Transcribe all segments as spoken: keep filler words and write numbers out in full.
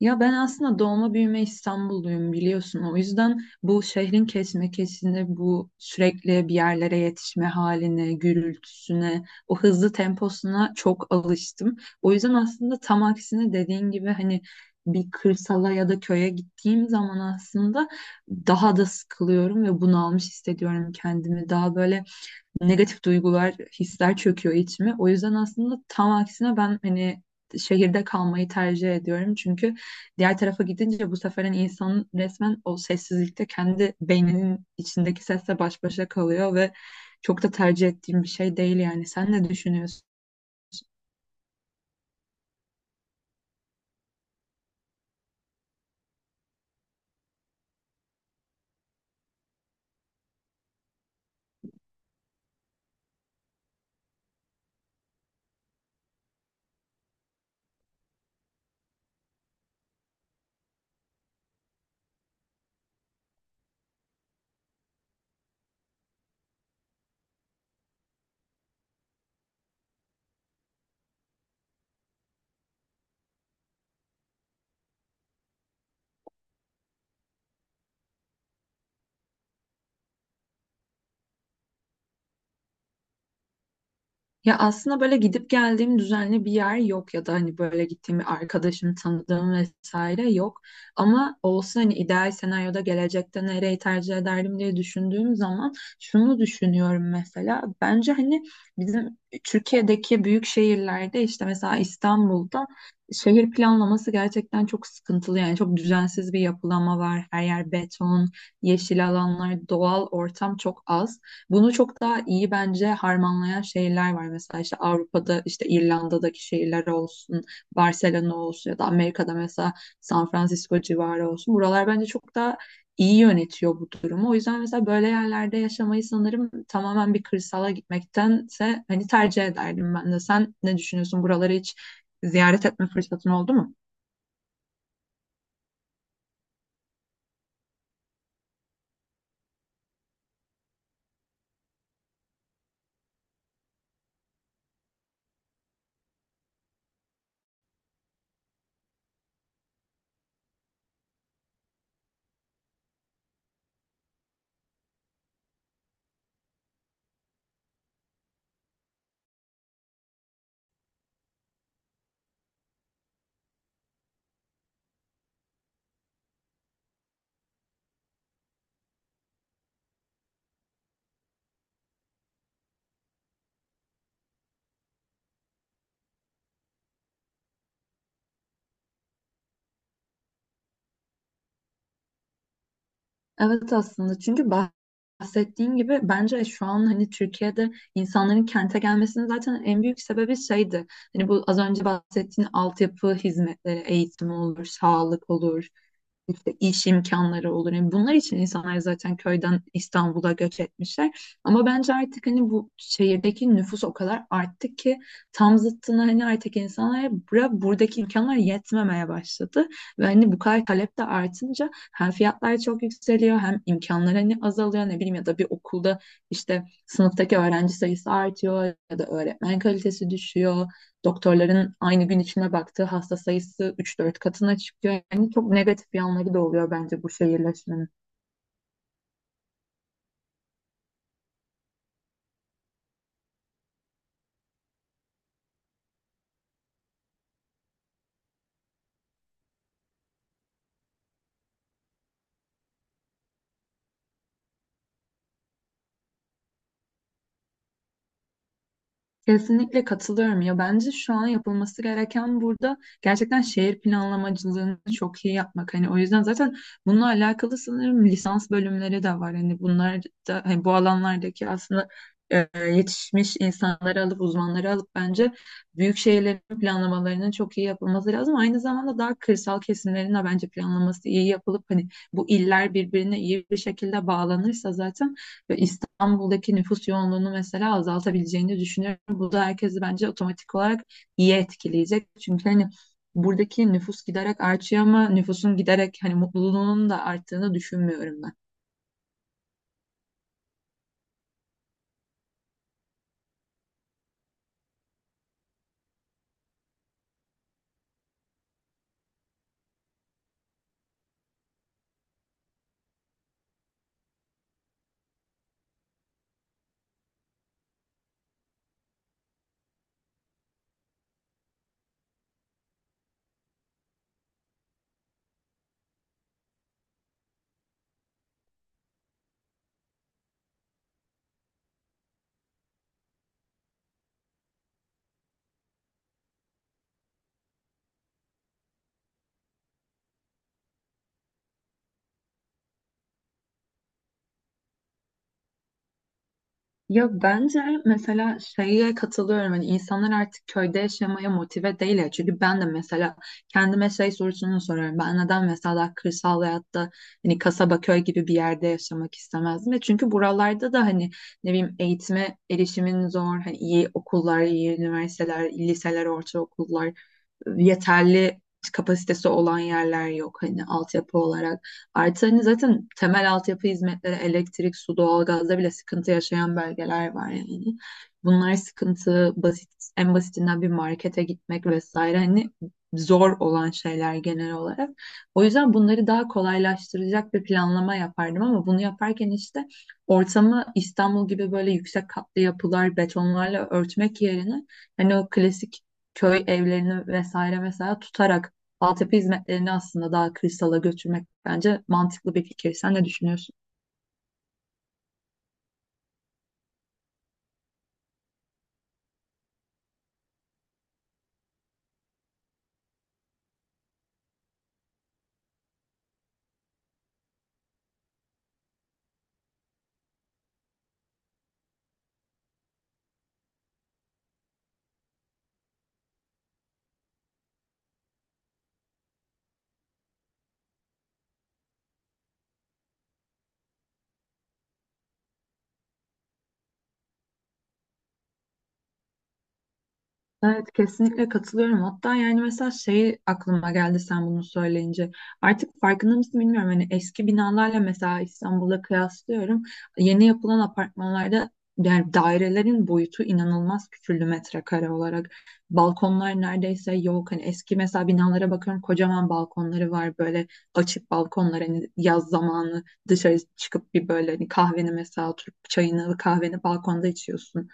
Ya ben aslında doğma büyüme İstanbulluyum biliyorsun. O yüzden bu şehrin kesmekesini, bu sürekli bir yerlere yetişme haline, gürültüsüne, o hızlı temposuna çok alıştım. O yüzden aslında tam aksine dediğin gibi hani bir kırsala ya da köye gittiğim zaman aslında daha da sıkılıyorum ve bunalmış hissediyorum kendimi. Daha böyle negatif duygular, hisler çöküyor içime. O yüzden aslında tam aksine ben hani şehirde kalmayı tercih ediyorum. Çünkü diğer tarafa gidince bu sefer hani insan resmen o sessizlikte kendi beyninin içindeki sesle baş başa kalıyor ve çok da tercih ettiğim bir şey değil yani. Sen ne düşünüyorsun? Ya aslında böyle gidip geldiğim düzenli bir yer yok ya da hani böyle gittiğim bir arkadaşım, tanıdığım vesaire yok. Ama olsa hani ideal senaryoda gelecekte nereyi tercih ederdim diye düşündüğüm zaman şunu düşünüyorum mesela. Bence hani bizim Türkiye'deki büyük şehirlerde işte mesela İstanbul'da şehir planlaması gerçekten çok sıkıntılı. Yani çok düzensiz bir yapılanma var. Her yer beton, yeşil alanlar, doğal ortam çok az. Bunu çok daha iyi bence harmanlayan şehirler var. Mesela işte Avrupa'da işte İrlanda'daki şehirler olsun, Barcelona olsun ya da Amerika'da mesela San Francisco civarı olsun. Buralar bence çok daha iyi yönetiyor bu durumu. O yüzden mesela böyle yerlerde yaşamayı sanırım tamamen bir kırsala gitmektense hani tercih ederdim ben de. Sen ne düşünüyorsun? Buraları hiç ziyaret etme fırsatın oldu mu? Evet aslında çünkü bahsettiğin gibi bence şu an hani Türkiye'de insanların kente gelmesinin zaten en büyük sebebi şeydi. Hani bu az önce bahsettiğin altyapı hizmetleri, eğitim olur, sağlık olur, işte iş imkanları olur. Yani bunlar için insanlar zaten köyden İstanbul'a göç etmişler. Ama bence artık hani bu şehirdeki nüfus o kadar arttı ki tam zıttına hani artık insanlara bura, buradaki imkanlar yetmemeye başladı. Ve hani bu kadar talep de artınca hem fiyatlar çok yükseliyor hem imkanlar hani azalıyor, ne bileyim, ya da bir okulda işte sınıftaki öğrenci sayısı artıyor ya da öğretmen kalitesi düşüyor. Doktorların aynı gün içine baktığı hasta sayısı üç dört katına çıkıyor. Yani çok negatif yanları da oluyor bence bu şehirleşmenin. Kesinlikle katılıyorum ya, bence şu an yapılması gereken burada gerçekten şehir planlamacılığını çok iyi yapmak. Hani o yüzden zaten bununla alakalı sanırım lisans bölümleri de var. Hani bunlar da hani bu alanlardaki aslında e, yetişmiş insanları alıp, uzmanları alıp bence büyük şehirlerin planlamalarının çok iyi yapılması lazım. Aynı zamanda daha kırsal kesimlerin de bence planlaması iyi yapılıp hani bu iller birbirine iyi bir şekilde bağlanırsa zaten İstanbul'daki nüfus yoğunluğunu mesela azaltabileceğini düşünüyorum. Bu da herkesi bence otomatik olarak iyi etkileyecek. Çünkü hani buradaki nüfus giderek artıyor ama nüfusun giderek hani mutluluğunun da arttığını düşünmüyorum ben. Ya bence mesela şeye katılıyorum. Hani insanlar artık köyde yaşamaya motive değil ya. Çünkü ben de mesela kendime şey sorusunu soruyorum. Ben neden mesela kırsal hayatta hani kasaba, köy gibi bir yerde yaşamak istemezdim? Ve çünkü buralarda da hani ne bileyim, eğitime erişimin zor. Hani iyi okullar, iyi üniversiteler, liseler, ortaokullar, yeterli kapasitesi olan yerler yok hani altyapı olarak. Artı hani zaten temel altyapı hizmetleri elektrik, su, doğalgazda bile sıkıntı yaşayan bölgeler var yani. Bunlar sıkıntı, basit, en basitinden bir markete gitmek vesaire hani zor olan şeyler genel olarak. O yüzden bunları daha kolaylaştıracak bir planlama yapardım, ama bunu yaparken işte ortamı İstanbul gibi böyle yüksek katlı yapılar, betonlarla örtmek yerine hani o klasik köy evlerini vesaire mesela tutarak altyapı hizmetlerini aslında daha kırsala götürmek bence mantıklı bir fikir. Sen ne düşünüyorsun? Evet, kesinlikle katılıyorum. Hatta yani mesela şey aklıma geldi sen bunu söyleyince. Artık farkında mısın bilmiyorum. Hani eski binalarla mesela İstanbul'da kıyaslıyorum. Yeni yapılan apartmanlarda yani dairelerin boyutu inanılmaz küçüldü metrekare olarak. Balkonlar neredeyse yok. Hani eski mesela binalara bakıyorum, kocaman balkonları var böyle, açık balkonlar. Hani yaz zamanı dışarı çıkıp bir böyle hani kahveni mesela, oturup çayını kahveni balkonda içiyorsun.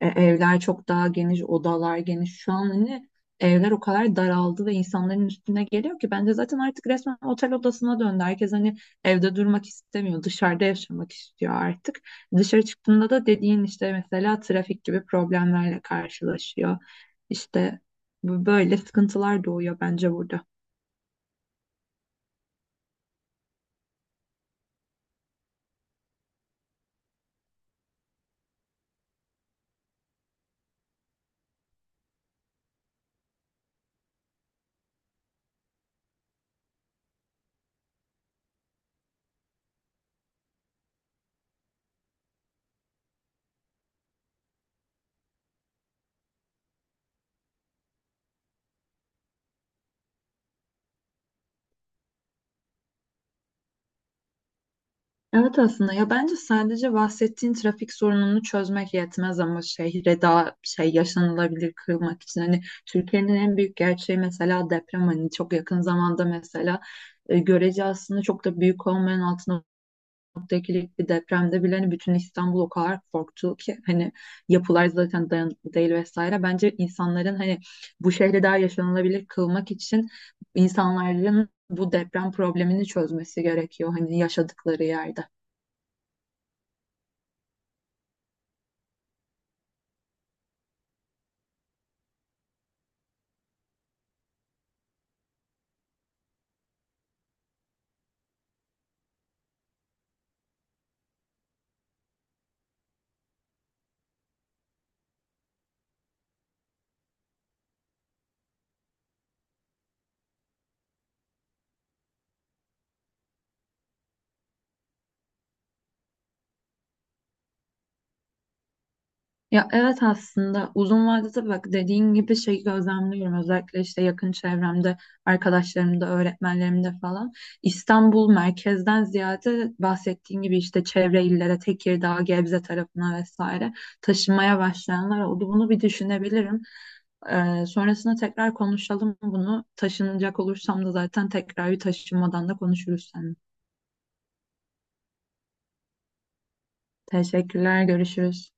E, evler çok daha geniş, odalar geniş. Şu an hani evler o kadar daraldı ve insanların üstüne geliyor ki bence zaten artık resmen otel odasına döndü. Herkes hani evde durmak istemiyor, dışarıda yaşamak istiyor artık. Dışarı çıktığında da dediğin işte mesela trafik gibi problemlerle karşılaşıyor. İşte bu- böyle sıkıntılar doğuyor bence burada. Evet aslında ya bence sadece bahsettiğin trafik sorununu çözmek yetmez ama şehre daha şey, yaşanılabilir kılmak için hani Türkiye'nin en büyük gerçeği mesela deprem. Hani çok yakın zamanda mesela e, görece aslında çok da büyük olmayan altı nokta ikilik bir depremde bile hani bütün İstanbul o kadar korktu ki hani yapılar zaten dayanıklı değil vesaire. Bence insanların hani bu şehri daha yaşanılabilir kılmak için insanların bu deprem problemini çözmesi gerekiyor hani yaşadıkları yerde. Ya evet aslında uzun vadede, bak, dediğin gibi şeyi gözlemliyorum. Özellikle işte yakın çevremde, arkadaşlarımda, öğretmenlerimde falan İstanbul merkezden ziyade bahsettiğin gibi işte çevre illere, Tekirdağ, Gebze tarafına vesaire taşımaya başlayanlar oldu. Bunu bir düşünebilirim. Ee, sonrasında tekrar konuşalım bunu. Taşınacak olursam da zaten tekrar bir taşınmadan da konuşuruz seninle. Teşekkürler, görüşürüz.